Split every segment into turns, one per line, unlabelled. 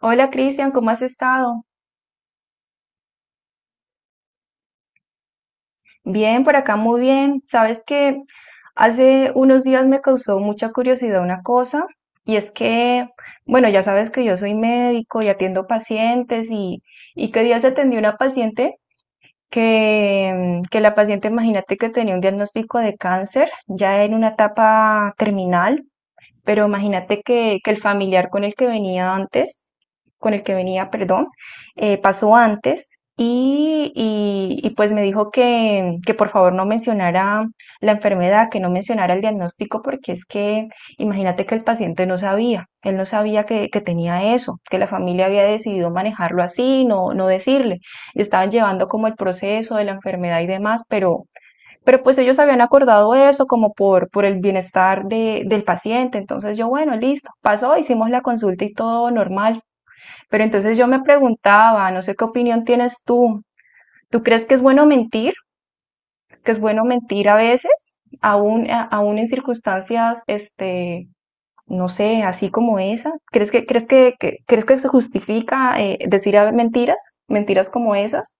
Hola Cristian, ¿cómo has estado? Bien, por acá muy bien. Sabes que hace unos días me causó mucha curiosidad una cosa y es que, bueno, ya sabes que yo soy médico y atiendo pacientes y, que días atendí una paciente que, que la paciente, imagínate que tenía un diagnóstico de cáncer ya en una etapa terminal. Pero imagínate que el familiar con el que venía antes, con el que venía, perdón, pasó antes y, y pues me dijo que por favor no mencionara la enfermedad, que no mencionara el diagnóstico, porque es que imagínate que el paciente no sabía, él no sabía que tenía eso, que la familia había decidido manejarlo así, no, no decirle. Le estaban llevando como el proceso de la enfermedad y demás, pero pero ellos habían acordado eso como por el bienestar de, del paciente. Entonces yo, bueno, listo, pasó, hicimos la consulta y todo normal. Pero entonces yo me preguntaba, no sé qué opinión tienes tú. ¿Tú crees que es bueno mentir? ¿Que es bueno mentir a veces? Aún, aún en circunstancias, no sé, así como esa. ¿Crees que crees que se justifica decir mentiras? ¿Mentiras como esas?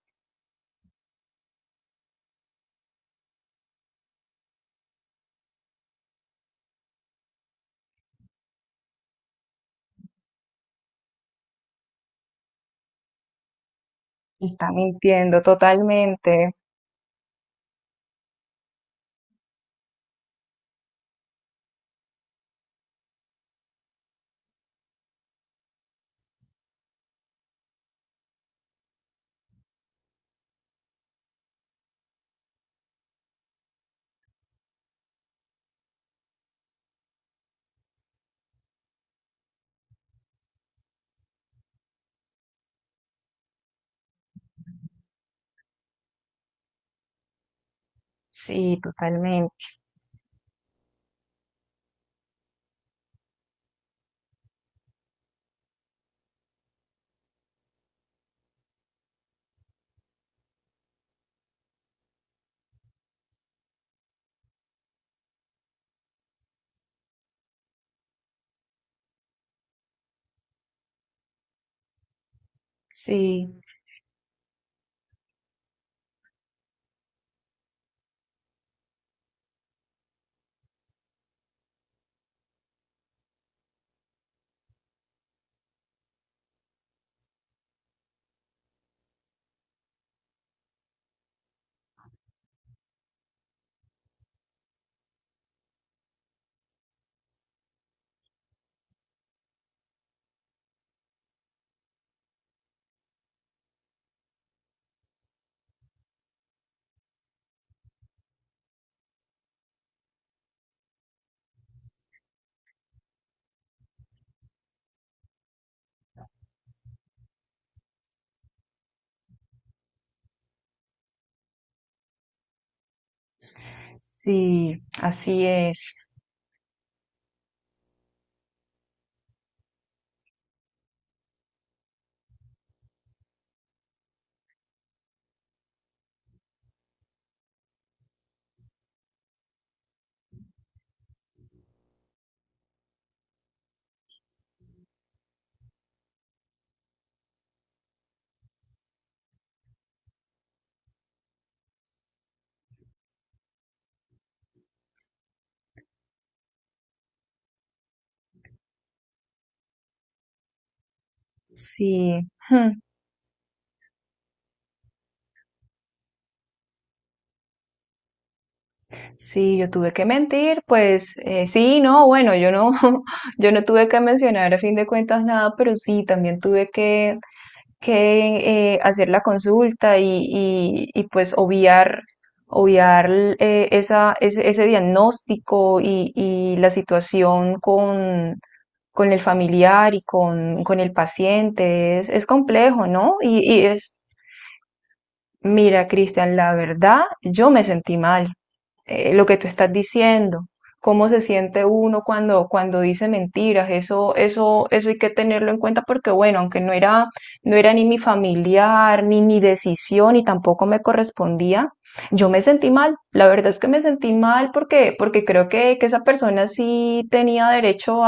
Está mintiendo totalmente. Sí, totalmente. Sí. Sí, así es. Sí, hmm, sí, yo tuve que mentir, pues, sí, no, bueno, yo no, yo no tuve que mencionar a fin de cuentas nada, pero sí, también tuve que hacer la consulta y pues obviar, obviar esa, ese diagnóstico y la situación con el familiar y con el paciente. Es complejo, ¿no? Y es. Mira, Cristian, la verdad, yo me sentí mal. Lo que tú estás diciendo, cómo se siente uno cuando, cuando dice mentiras, eso hay que tenerlo en cuenta porque, bueno, aunque no era, no era ni mi familiar, ni mi decisión, y tampoco me correspondía, yo me sentí mal. La verdad es que me sentí mal porque, porque creo que esa persona sí tenía derecho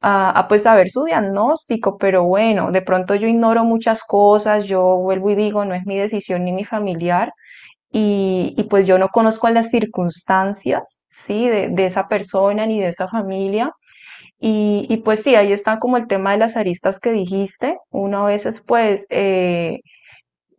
a, pues saber su diagnóstico, pero bueno, de pronto yo ignoro muchas cosas, yo vuelvo y digo, no es mi decisión ni mi familiar. Y pues yo no conozco las circunstancias, ¿sí? De esa persona ni de esa familia. Y, pues sí, ahí está como el tema de las aristas que dijiste. Una a veces pues,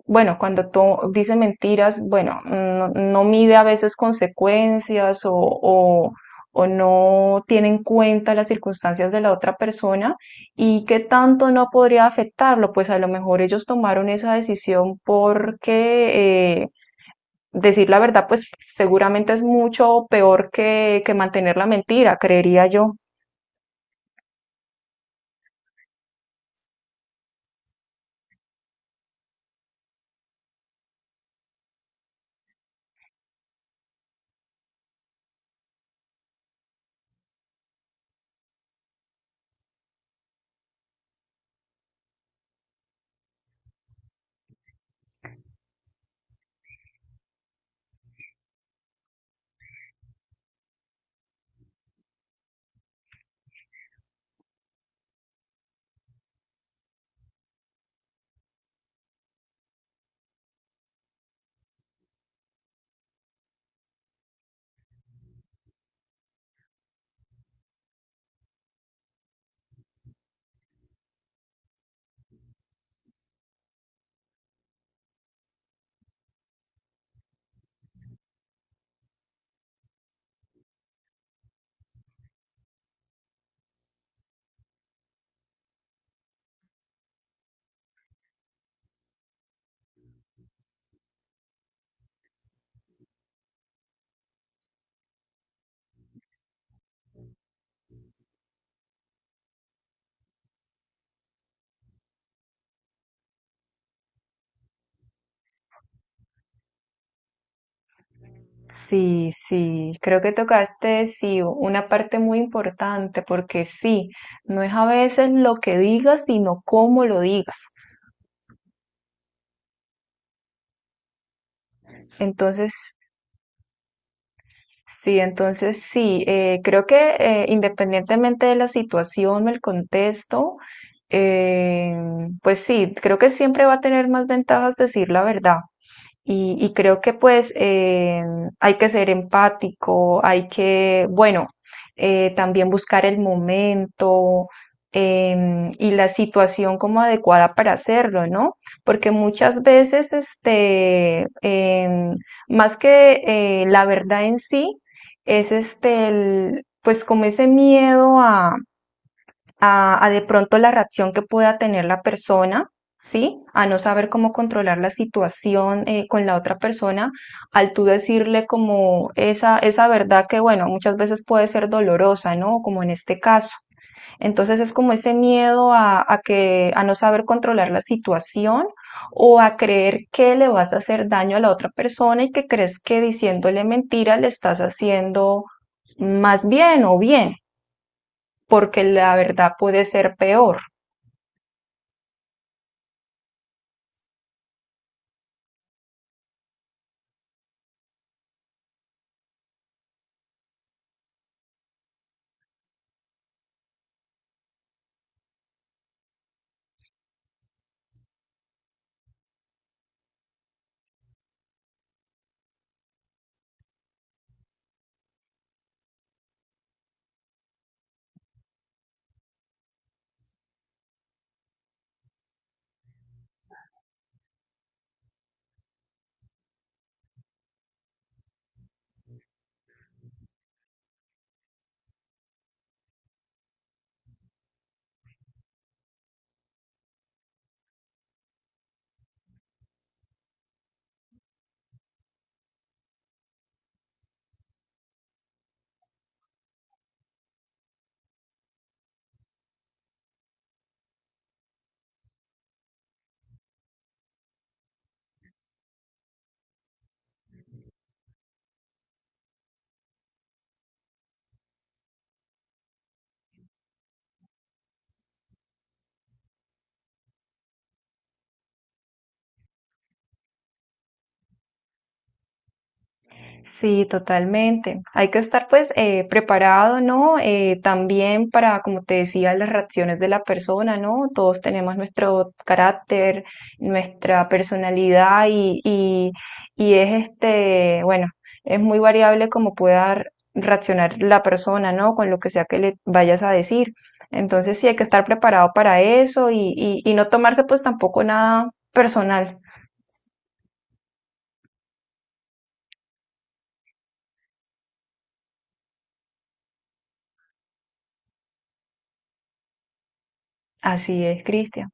bueno, cuando tú dices mentiras, bueno, no, no mide a veces consecuencias o o no tiene en cuenta las circunstancias de la otra persona y qué tanto no podría afectarlo. Pues a lo mejor ellos tomaron esa decisión porque, decir la verdad, pues seguramente es mucho peor que mantener la mentira, creería yo. Sí, sí, creo que tocaste, sí, una parte muy importante, porque sí, no es a veces lo que digas, sino cómo lo digas. Entonces, sí, entonces sí, creo que, independientemente de la situación o el contexto, eh, pues sí, creo que siempre va a tener más ventajas decir la verdad. Y creo que pues, hay que ser empático, hay que, bueno, también buscar el momento, y la situación como adecuada para hacerlo, ¿no? Porque muchas veces, más que, la verdad en sí, es este, el, pues como ese miedo a de pronto la reacción que pueda tener la persona, ¿sí? A no saber cómo controlar la situación, con la otra persona, al tú decirle como esa verdad que, bueno, muchas veces puede ser dolorosa, ¿no? Como en este caso. Entonces es como ese miedo a que, a no saber controlar la situación o a creer que le vas a hacer daño a la otra persona y que crees que diciéndole mentira le estás haciendo más bien o bien porque la verdad puede ser peor. Sí, totalmente. Hay que estar pues, preparado, ¿no? También para, como te decía, las reacciones de la persona, ¿no? Todos tenemos nuestro carácter, nuestra personalidad y es este, bueno, es muy variable cómo pueda reaccionar la persona, ¿no? Con lo que sea que le vayas a decir. Entonces sí hay que estar preparado para eso y no tomarse pues tampoco nada personal. Así es, Cristian.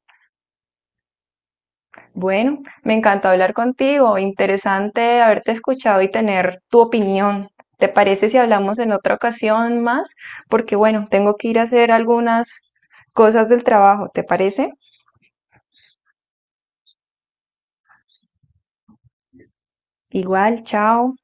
Bueno, me encantó hablar contigo. Interesante haberte escuchado y tener tu opinión. ¿Te parece si hablamos en otra ocasión más? Porque bueno, tengo que ir a hacer algunas cosas del trabajo. ¿Te parece? Igual, chao.